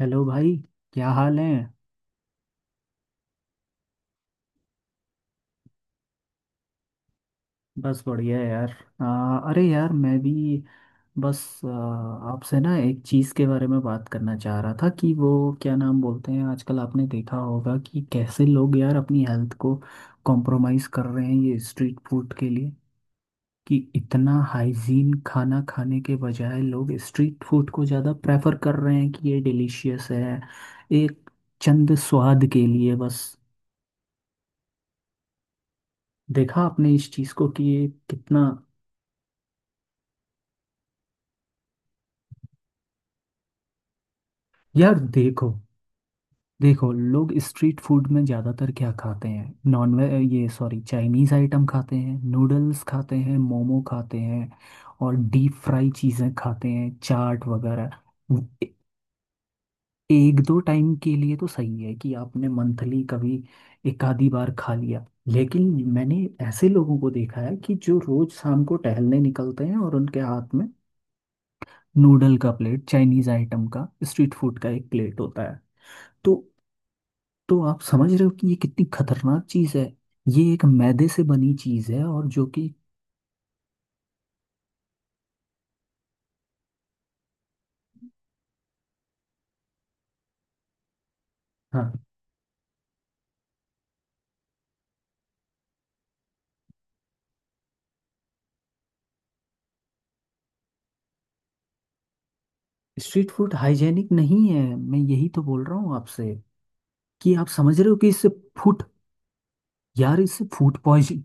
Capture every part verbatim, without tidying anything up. Hello भाई। क्या हाल है। बस बढ़िया है यार। आ, अरे यार मैं भी बस। आ, आपसे ना एक चीज़ के बारे में बात करना चाह रहा था कि वो क्या नाम बोलते हैं, आजकल आपने देखा होगा कि कैसे लोग यार अपनी हेल्थ को कॉम्प्रोमाइज़ कर रहे हैं ये स्ट्रीट फूड के लिए। कि इतना हाइजीन खाना खाने के बजाय लोग स्ट्रीट फूड को ज़्यादा प्रेफर कर रहे हैं कि ये डिलीशियस है, एक चंद स्वाद के लिए बस। देखा आपने इस चीज़ को कि ये कितना। यार देखो, देखो लोग स्ट्रीट फूड में ज़्यादातर क्या खाते हैं। नॉनवेज, ये सॉरी, चाइनीज़ आइटम खाते हैं, नूडल्स खाते हैं, मोमो खाते हैं और डीप फ्राई चीज़ें खाते हैं, चाट वगैरह। ए- एक दो टाइम के लिए तो सही है कि आपने मंथली कभी एक आधी बार खा लिया। लेकिन मैंने ऐसे लोगों को देखा है कि जो रोज शाम को टहलने निकलते हैं और उनके हाथ में नूडल का प्लेट, चाइनीज़ आइटम का, स्ट्रीट फूड का एक प्लेट होता है। तो तो आप समझ रहे हो कि ये कितनी खतरनाक चीज है। ये एक मैदे से बनी चीज है और जो कि, हाँ, स्ट्रीट फूड हाइजेनिक नहीं है, मैं यही तो बोल रहा हूँ आपसे कि आप समझ रहे हो कि इससे फूड, यार इससे फूड पॉइजन।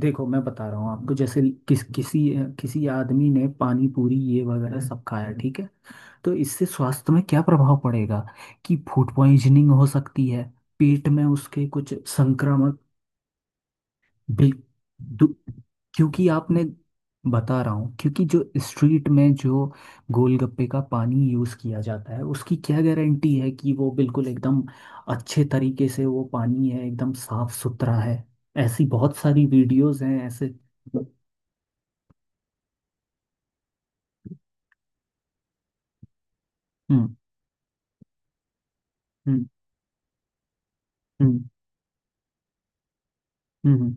देखो मैं बता रहा हूँ आपको, जैसे किस किसी किसी आदमी ने पानी पूरी ये वगैरह सब खाया, ठीक है। तो इससे स्वास्थ्य में क्या प्रभाव पड़ेगा, कि फूड पॉइजनिंग हो सकती है, पेट में उसके कुछ संक्रामक। बिल दु- क्योंकि आपने, बता रहा हूँ क्योंकि जो स्ट्रीट में जो गोलगप्पे का पानी यूज़ किया जाता है उसकी क्या गारंटी है कि वो बिल्कुल एकदम अच्छे तरीके से, वो पानी है एकदम साफ सुथरा है। ऐसी बहुत सारी वीडियोस हैं ऐसे। हम्म, हम्म, हम्म, हम्म,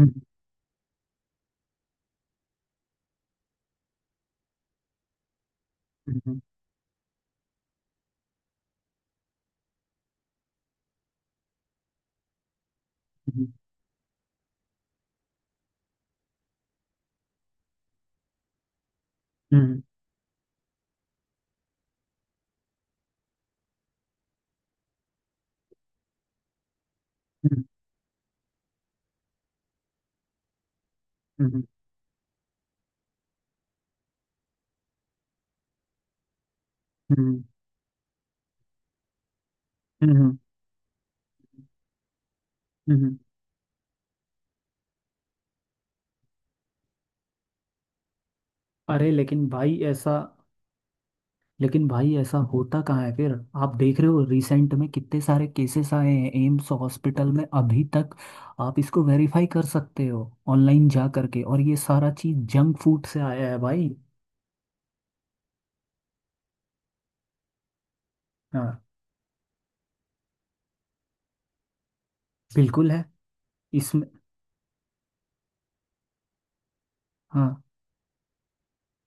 हम्म, हम्म, हम्म, हम्म, हम्म, हम्म, हम्म, हम्म, हम्म। अरे लेकिन भाई ऐसा, लेकिन भाई ऐसा होता कहाँ है फिर। आप देख रहे हो रिसेंट में कितने सारे केसेस आए हैं एम्स हॉस्पिटल में अभी तक। आप इसको वेरीफाई कर सकते हो ऑनलाइन जा करके, और ये सारा चीज जंक फूड से आया है भाई। हाँ, बिल्कुल है, इसमें। हाँ,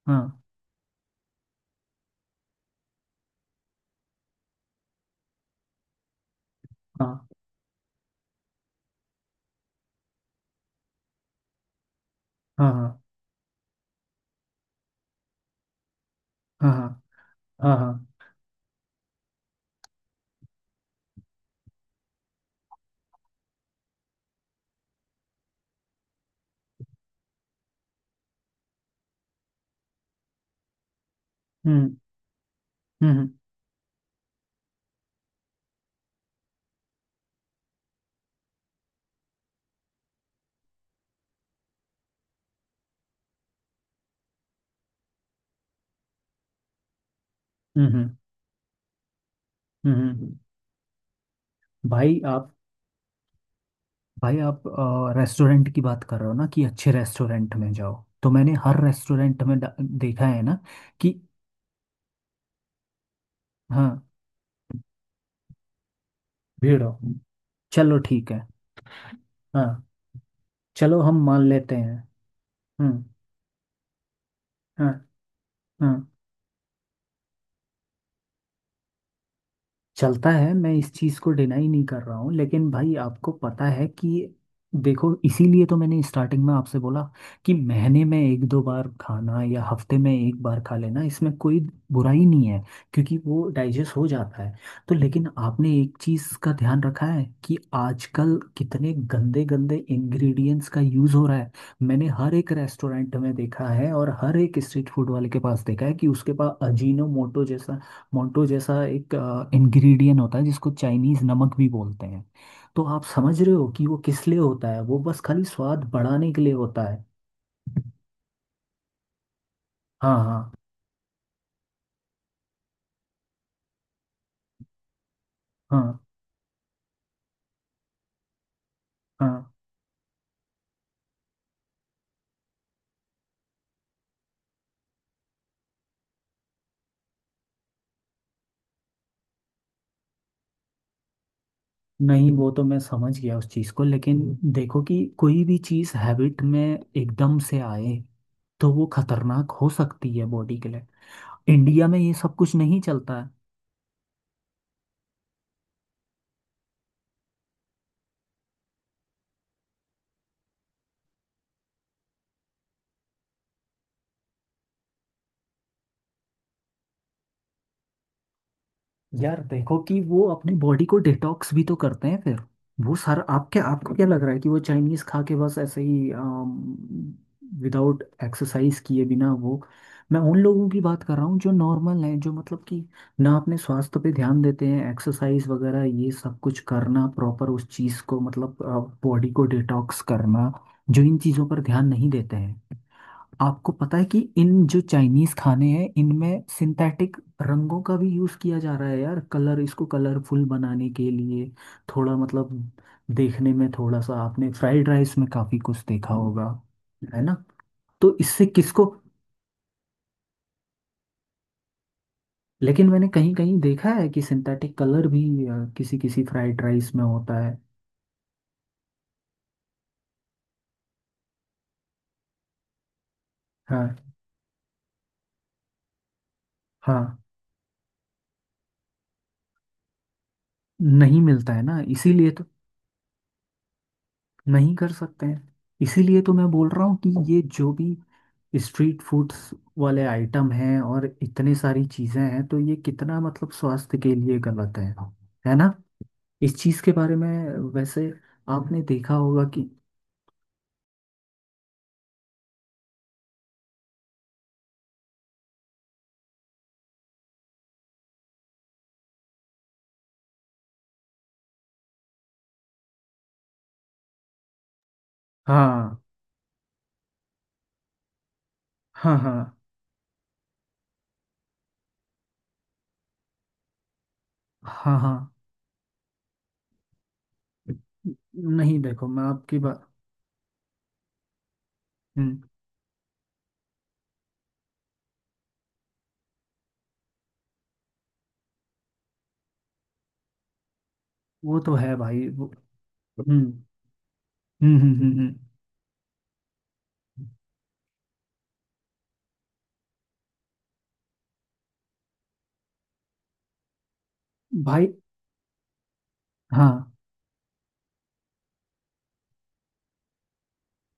हाँ, हाँ, हाँ, हाँ, हाँ, हाँ, हाँ, हाँ, हम्म, हम्म, हम्म, हम्म, हम्म। हम्म, हम्म। भाई आप भाई आप रेस्टोरेंट की बात कर रहे हो ना कि अच्छे रेस्टोरेंट में जाओ, तो मैंने हर रेस्टोरेंट में डा- देखा है ना। कि हाँ, भीड़ हो, चलो ठीक है। हाँ, चलो हम मान लेते हैं। हम्म। हाँ, हाँ। चलता है, मैं इस चीज़ को डिनाई नहीं कर रहा हूँ, लेकिन भाई आपको पता है कि, देखो इसीलिए तो मैंने स्टार्टिंग में आपसे बोला कि महीने में एक दो बार खाना या हफ्ते में एक बार खा लेना, इसमें कोई बुराई नहीं है, क्योंकि वो डाइजेस्ट हो जाता है। तो लेकिन आपने एक चीज़ का ध्यान रखा है कि आजकल कितने गंदे गंदे इंग्रेडिएंट्स का यूज़ हो रहा है। मैंने हर एक रेस्टोरेंट में देखा है और हर एक स्ट्रीट फूड वाले के पास देखा है कि उसके पास अजीनो मोटो जैसा, मोंटो जैसा एक इंग्रेडिएंट होता है जिसको चाइनीज नमक भी बोलते हैं। तो आप समझ रहे हो कि वो किस लिए होता है, वो बस खाली स्वाद बढ़ाने के लिए होता है। हाँ, हाँ, हाँ, हाँ, नहीं, वो तो मैं समझ गया उस चीज़ को, लेकिन हम्म। देखो कि कोई भी चीज़ हैबिट में एकदम से आए तो वो खतरनाक हो सकती है बॉडी के लिए। इंडिया में ये सब कुछ नहीं चलता। यार देखो कि वो अपने बॉडी को डिटॉक्स भी तो करते हैं फिर, वो सारा। आप क्या, आपको क्या लग रहा है कि वो चाइनीज खा के बस ऐसे ही विदाउट एक्सरसाइज किए बिना वो। मैं उन लोगों की बात कर रहा हूँ जो नॉर्मल हैं, जो मतलब कि ना अपने स्वास्थ्य पे ध्यान देते हैं, एक्सरसाइज वगैरह ये सब कुछ करना, प्रॉपर उस चीज़ को मतलब बॉडी को डिटॉक्स करना, जो इन चीज़ों पर ध्यान नहीं देते हैं। आपको पता है कि इन जो चाइनीज खाने हैं इनमें सिंथेटिक रंगों का भी यूज किया जा रहा है यार, कलर, इसको कलरफुल बनाने के लिए, थोड़ा मतलब देखने में थोड़ा सा, आपने फ्राइड राइस में काफी कुछ देखा होगा, है ना। तो इससे किसको। लेकिन मैंने कहीं कहीं देखा है कि सिंथेटिक कलर भी अ, किसी किसी फ्राइड राइस में होता है। हाँ, हाँ। नहीं मिलता है ना, इसीलिए तो। नहीं कर सकते हैं। इसीलिए तो मैं बोल रहा हूँ कि ये जो भी स्ट्रीट फूड्स वाले आइटम हैं और इतने सारी चीज़ें हैं, तो ये कितना मतलब स्वास्थ्य के लिए गलत है है ना, इस चीज़ के बारे में। वैसे आपने देखा होगा कि, हाँ, हाँ, हाँ, हाँ, हाँ, नहीं देखो मैं आपकी बात। हम्म। वो तो है भाई वो। हम्म, हम्म, हम्म, हम्म, हम्म। भाई, हाँ,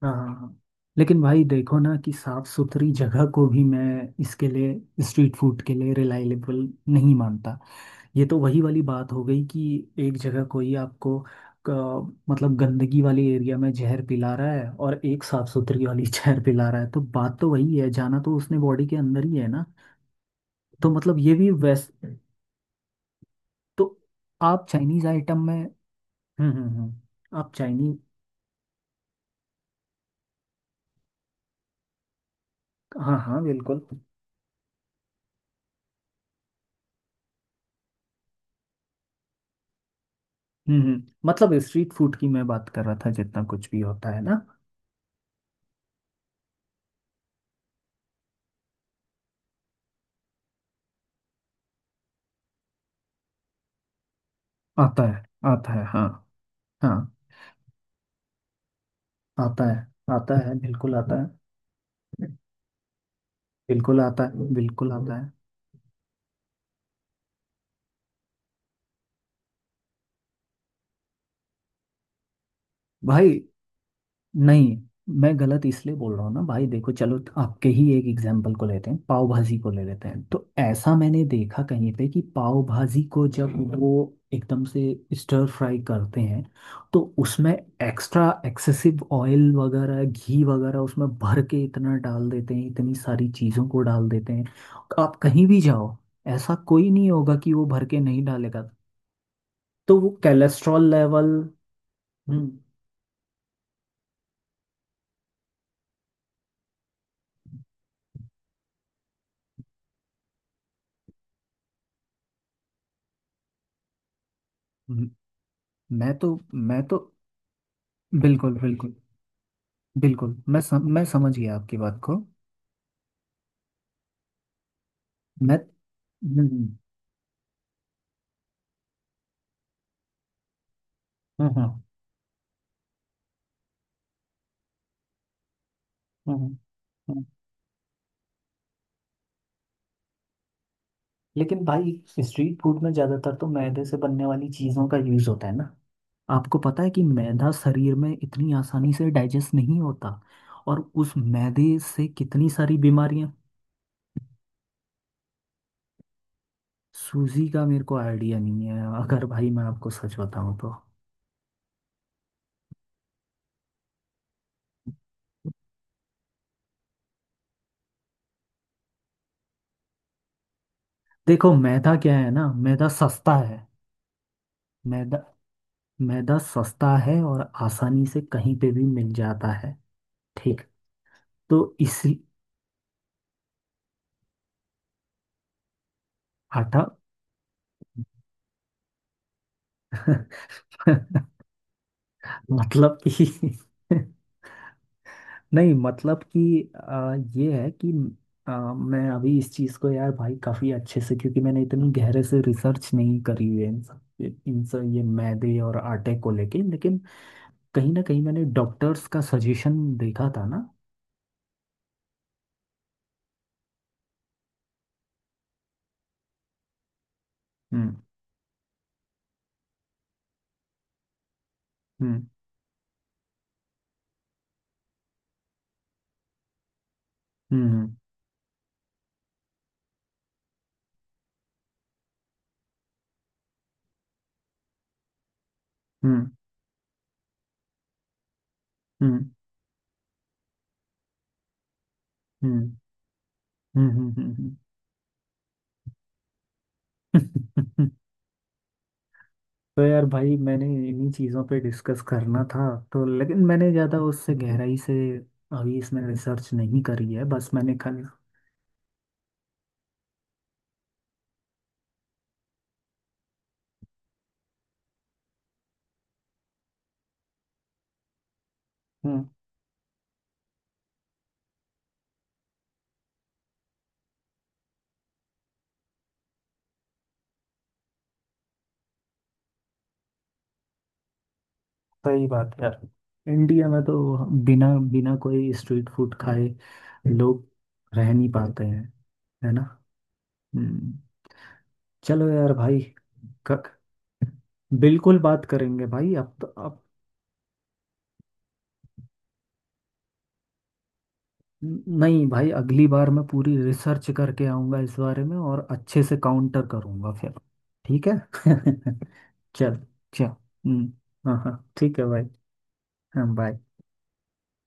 हाँ, हाँ, हाँ। लेकिन भाई देखो ना कि साफ सुथरी जगह को भी मैं इसके लिए स्ट्रीट फूड के लिए रिलायबल नहीं मानता। ये तो वही वाली बात हो गई कि एक जगह कोई आपको, क- मतलब गंदगी वाली एरिया में जहर पिला रहा है और एक साफ सुथरी वाली जहर पिला रहा है, तो बात तो वही है, जाना तो उसने बॉडी के अंदर ही है ना। तो मतलब ये भी वैस तो आप चाइनीज आइटम में। हम्म, हम्म, हम्म। आप चाइनीज। हाँ, हाँ, बिल्कुल। हम्म, हम्म। मतलब स्ट्रीट फूड की मैं बात कर रहा था, जितना कुछ भी होता है ना। आता है। आता है, हाँ, हाँ। आता है। आता है, बिल्कुल आता है। बिल्कुल आता है। बिल्कुल आता है। भाई नहीं, मैं गलत इसलिए बोल रहा हूँ ना भाई, देखो चलो आपके ही एक एग्जाम्पल को लेते हैं, पाव भाजी को ले लेते हैं, तो ऐसा मैंने देखा कहीं पे कि पाव भाजी को जब वो एकदम से स्टर फ्राई करते हैं, तो उसमें एक्स्ट्रा एक्सेसिव ऑयल वगैरह घी वगैरह उसमें भर के इतना डाल देते हैं, इतनी सारी चीज़ों को डाल देते हैं। आप कहीं भी जाओ, ऐसा कोई नहीं होगा कि वो भर के नहीं डालेगा। तो वो कैलेस्ट्रॉल लेवल। हम्म। म- मैं तो मैं तो बिल्कुल, बिल्कुल, बिल्कुल, मैं सम, मैं समझ गया आपकी बात को। मैं। हम्म, हम्म, हम्म, हम्म, हम्म। हम्म। लेकिन भाई स्ट्रीट फूड में ज़्यादातर तो मैदे से बनने वाली चीज़ों का यूज़ होता है ना। आपको पता है कि मैदा शरीर में इतनी आसानी से डाइजेस्ट नहीं होता। और उस मैदे से कितनी सारी बीमारियां। सूजी का मेरे को आइडिया नहीं है, अगर भाई मैं आपको सच बताऊं तो। देखो मैदा क्या है ना, मैदा सस्ता है। मैदा मैदा सस्ता है और आसानी से कहीं पे भी मिल जाता है, ठीक। तो इसी, आटा। मतलब कि, नहीं मतलब कि, आ, ये है कि, आ, मैं अभी इस चीज़ को यार भाई काफ़ी अच्छे से, क्योंकि मैंने इतनी गहरे से रिसर्च नहीं करी हुई है इन सब इन सब ये मैदे और आटे को लेके, लेकिन कहीं ना कहीं मैंने डॉक्टर्स का सजेशन देखा था ना। हम्म, हम्म, हम्म, हम्म, हम्म, हम्म, हम्म, हम्म, हम्म, हम्म, हम्म, तो यार भाई मैंने इन्हीं चीज़ों पे डिस्कस करना था। तो लेकिन मैंने ज़्यादा उससे गहराई से अभी इसमें रिसर्च नहीं करी है, बस मैंने खाली। हम्म। सही बात है यार। इंडिया में तो बिना बिना कोई स्ट्रीट फूड खाए लोग रह नहीं पाते हैं। है ना। हम्म। चलो यार भाई। क, बिल्कुल बात करेंगे भाई, अब तो, अब। नहीं भाई, अगली बार मैं पूरी रिसर्च करके आऊँगा इस बारे में और अच्छे से काउंटर करूँगा फिर। ठीक है। चल, चल। हम्म। हाँ, हाँ, ठीक है भाई। हाँ, बाय।